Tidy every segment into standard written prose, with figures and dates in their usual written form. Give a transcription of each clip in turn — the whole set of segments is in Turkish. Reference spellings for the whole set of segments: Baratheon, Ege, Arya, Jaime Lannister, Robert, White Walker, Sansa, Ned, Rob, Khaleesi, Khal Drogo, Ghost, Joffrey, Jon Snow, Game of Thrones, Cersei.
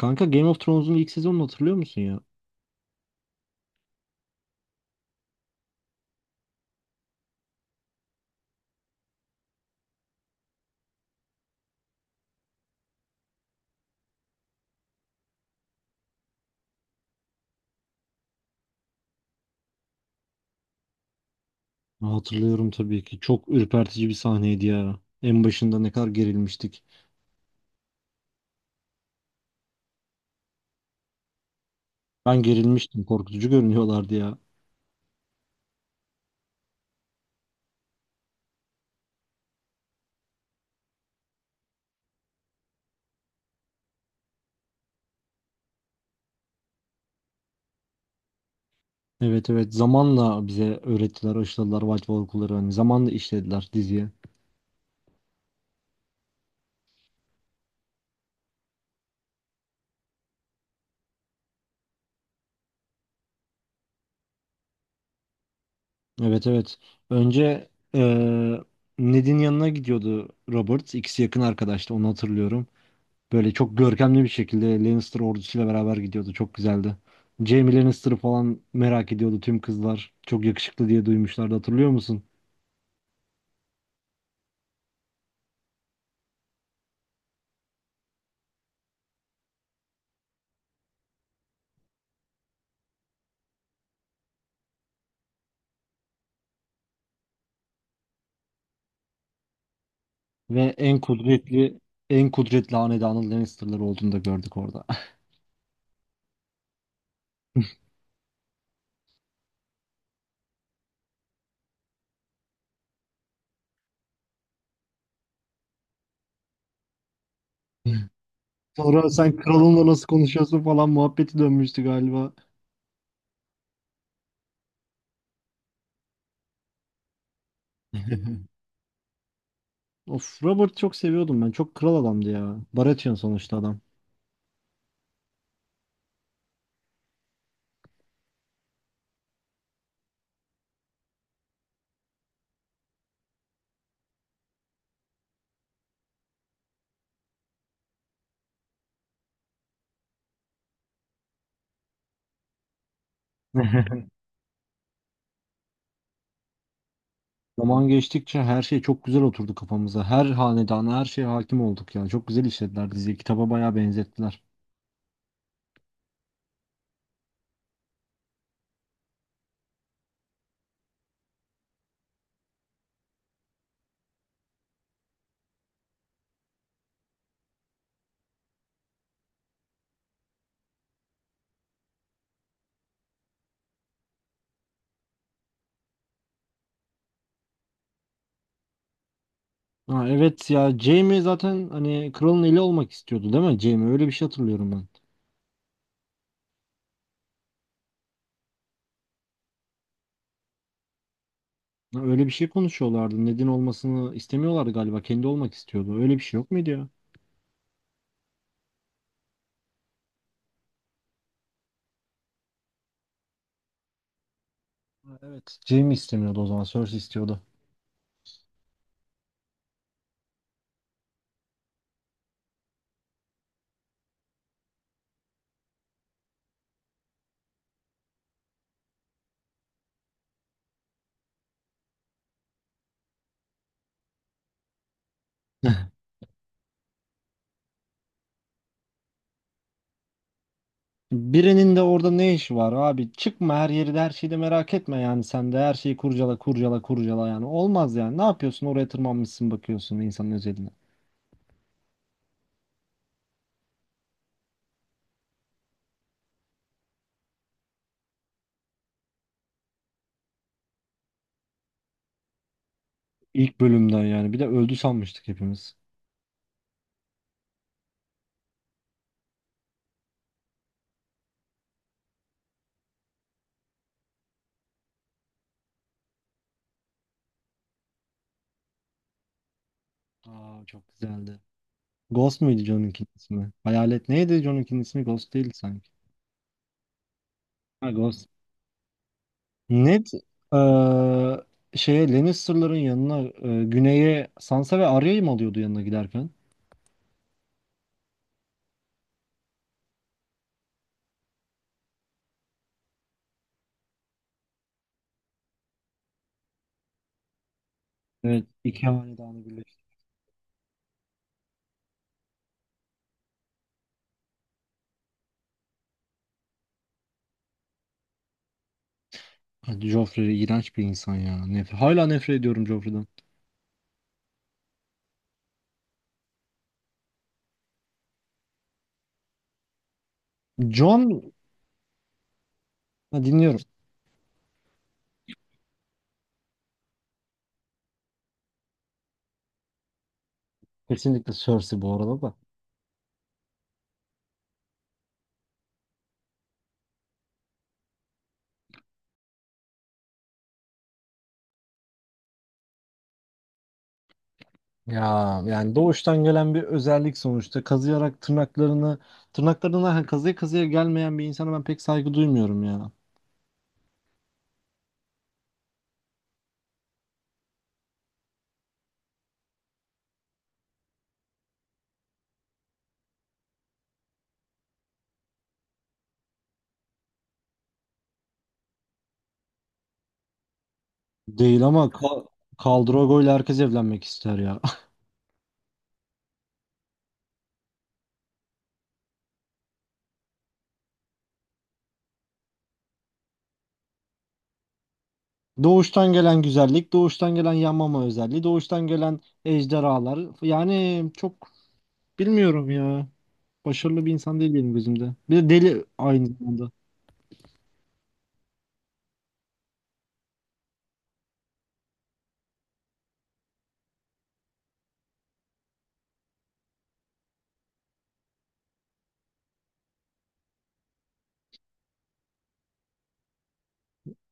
Kanka Game of Thrones'un ilk sezonunu hatırlıyor musun ya? Hatırlıyorum tabii ki. Çok ürpertici bir sahneydi ya. En başında ne kadar gerilmiştik. Ben gerilmiştim. Korkutucu görünüyorlardı ya. Evet evet, zamanla bize öğrettiler, aşıladılar White Walker'ları. Hani zamanla işlediler diziye. Evet evet. Önce Ned'in yanına gidiyordu Robert. İkisi yakın arkadaştı, onu hatırlıyorum. Böyle çok görkemli bir şekilde Lannister ordusuyla beraber gidiyordu. Çok güzeldi. Jaime Lannister'ı falan merak ediyordu tüm kızlar. Çok yakışıklı diye duymuşlardı, hatırlıyor musun? Ve en kudretli en kudretli hanedanın Lannister'ları olduğunu da gördük orada. Sonra sen kralınla nasıl konuşuyorsun falan muhabbeti dönmüştü galiba. Of, Robert çok seviyordum ben. Çok kral adamdı ya. Baratheon sonuçta adam. Zaman geçtikçe her şey çok güzel oturdu kafamıza. Her hanedana, her şeye hakim olduk ya. Çok güzel işlediler diziyi. Kitaba bayağı benzettiler. Ha, evet ya, Jaime zaten hani kralın eli olmak istiyordu değil mi Jaime? Öyle bir şey hatırlıyorum ben. Ha, öyle bir şey konuşuyorlardı. Ned'in olmasını istemiyorlardı galiba. Kendi olmak istiyordu. Öyle bir şey yok muydu ya? Ha, evet. Jaime istemiyordu o zaman. Cersei istiyordu. Birinin de orada ne işi var abi? Çıkma, her yeri de her şeyi de merak etme yani, sen de her şeyi kurcala kurcala kurcala yani, olmaz yani. Ne yapıyorsun, oraya tırmanmışsın bakıyorsun insanın özeline. İlk bölümden yani, bir de öldü sanmıştık hepimiz. Aa, çok güzeldi. Ghost muydu John'unkinin ismi? Hayalet neydi John'unkinin ismi? Ghost değil sanki. Ha, Ghost. Ned eee, şeye, Lannister'ların yanına güneye Sansa ve Arya'yı mı alıyordu yanına giderken? Evet, iki hanedanı birleşti. Hadi, Joffrey iğrenç bir insan ya. Nef, Hala nefret ediyorum Joffrey'den. Jon, ha, dinliyorum. Kesinlikle Cersei bu arada da. Ya yani doğuştan gelen bir özellik sonuçta. Kazıyarak tırnaklarını, tırnaklarından kazıya kazıya gelmeyen bir insana ben pek saygı duymuyorum ya. Değil ama Kaldrogo ile herkes evlenmek ister ya. Doğuştan gelen güzellik, doğuştan gelen yanmama özelliği, doğuştan gelen ejderhalar. Yani çok bilmiyorum ya. Başarılı bir insan değil benim gözümde. Bir de deli aynı zamanda.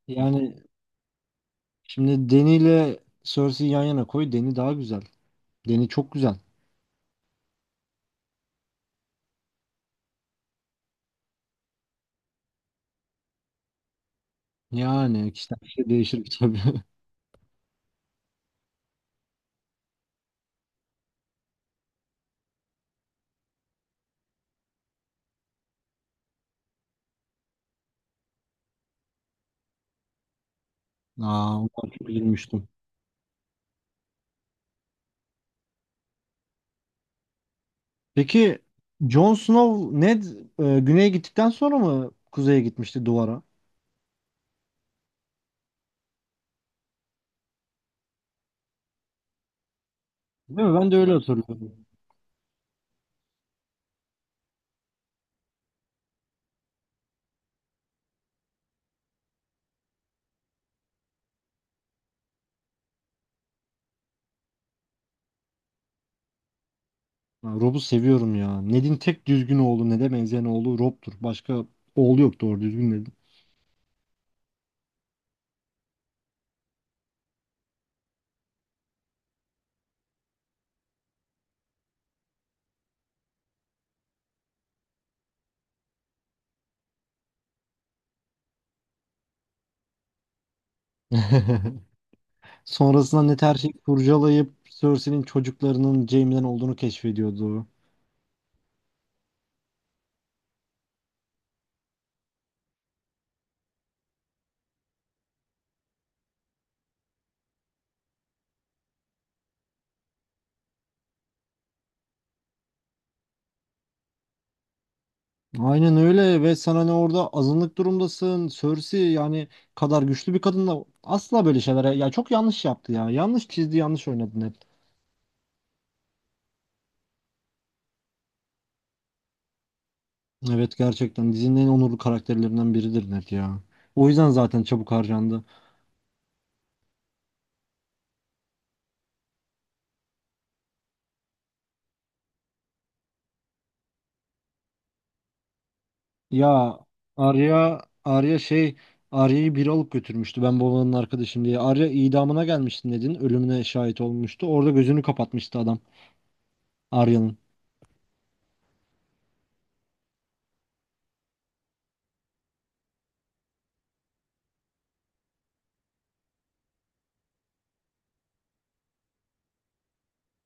Yani şimdi Deni ile Cersei'yi yan yana koy. Deni daha güzel. Deni çok güzel. Yani kişiden kişiye değişir tabii. Aa, ondan çok üzülmüştüm. Peki Jon Snow, Ned güneye gittikten sonra mı kuzeye gitmişti duvara? Değil mi? Ben de öyle hatırlıyorum. Ben Rob'u seviyorum ya. Ned'in tek düzgün oğlu, Ned'e benzeyen oğlu Rob'tur. Başka oğlu yok doğru düzgün Ned'in. Sonrasında Ned her şeyi kurcalayıp Cersei'nin çocuklarının Jaime'den olduğunu keşfediyordu. Aynen öyle, ve sen hani orada azınlık durumdasın. Cersei yani kadar güçlü bir kadınla asla böyle şeylere, ya çok yanlış yaptı ya. Yanlış çizdi, yanlış oynadı Ned. Evet, gerçekten dizinin en onurlu karakterlerinden biridir Ned ya. O yüzden zaten çabuk harcandı. Ya, Arya şey, Arya'yı biri alıp götürmüştü ben babanın arkadaşım diye. Arya idamına gelmişti, Ned'in ölümüne şahit olmuştu. Orada gözünü kapatmıştı adam Arya'nın.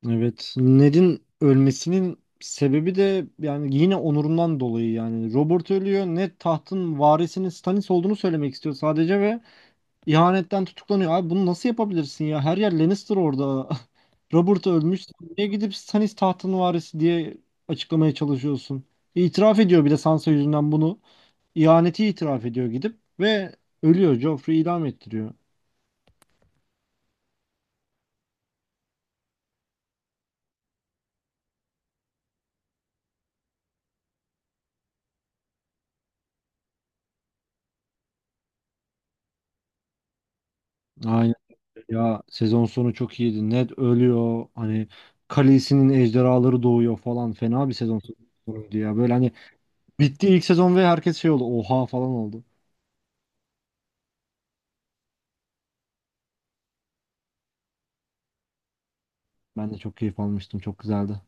Evet, Ned'in ölmesinin sebebi de yani yine onurundan dolayı yani. Robert ölüyor, Ned tahtın varisinin Stannis olduğunu söylemek istiyor sadece ve İhanetten tutuklanıyor. Abi, bunu nasıl yapabilirsin ya? Her yer Lannister orada. Robert ölmüş. Sen niye gidip Stannis tahtın varisi diye açıklamaya çalışıyorsun? İtiraf ediyor bir de Sansa yüzünden bunu. İhaneti itiraf ediyor gidip ve ölüyor. Joffrey idam ettiriyor. Aynen ya, sezon sonu çok iyiydi. Ned ölüyor. Hani Khaleesi'nin ejderhaları doğuyor falan. Fena bir sezon sonuydu ya. Böyle hani bitti ilk sezon ve herkes şey oldu. Oha falan oldu. Ben de çok keyif almıştım. Çok güzeldi.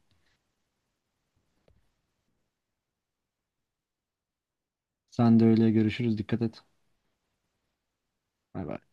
Sen de öyle, görüşürüz. Dikkat et. Bay bay.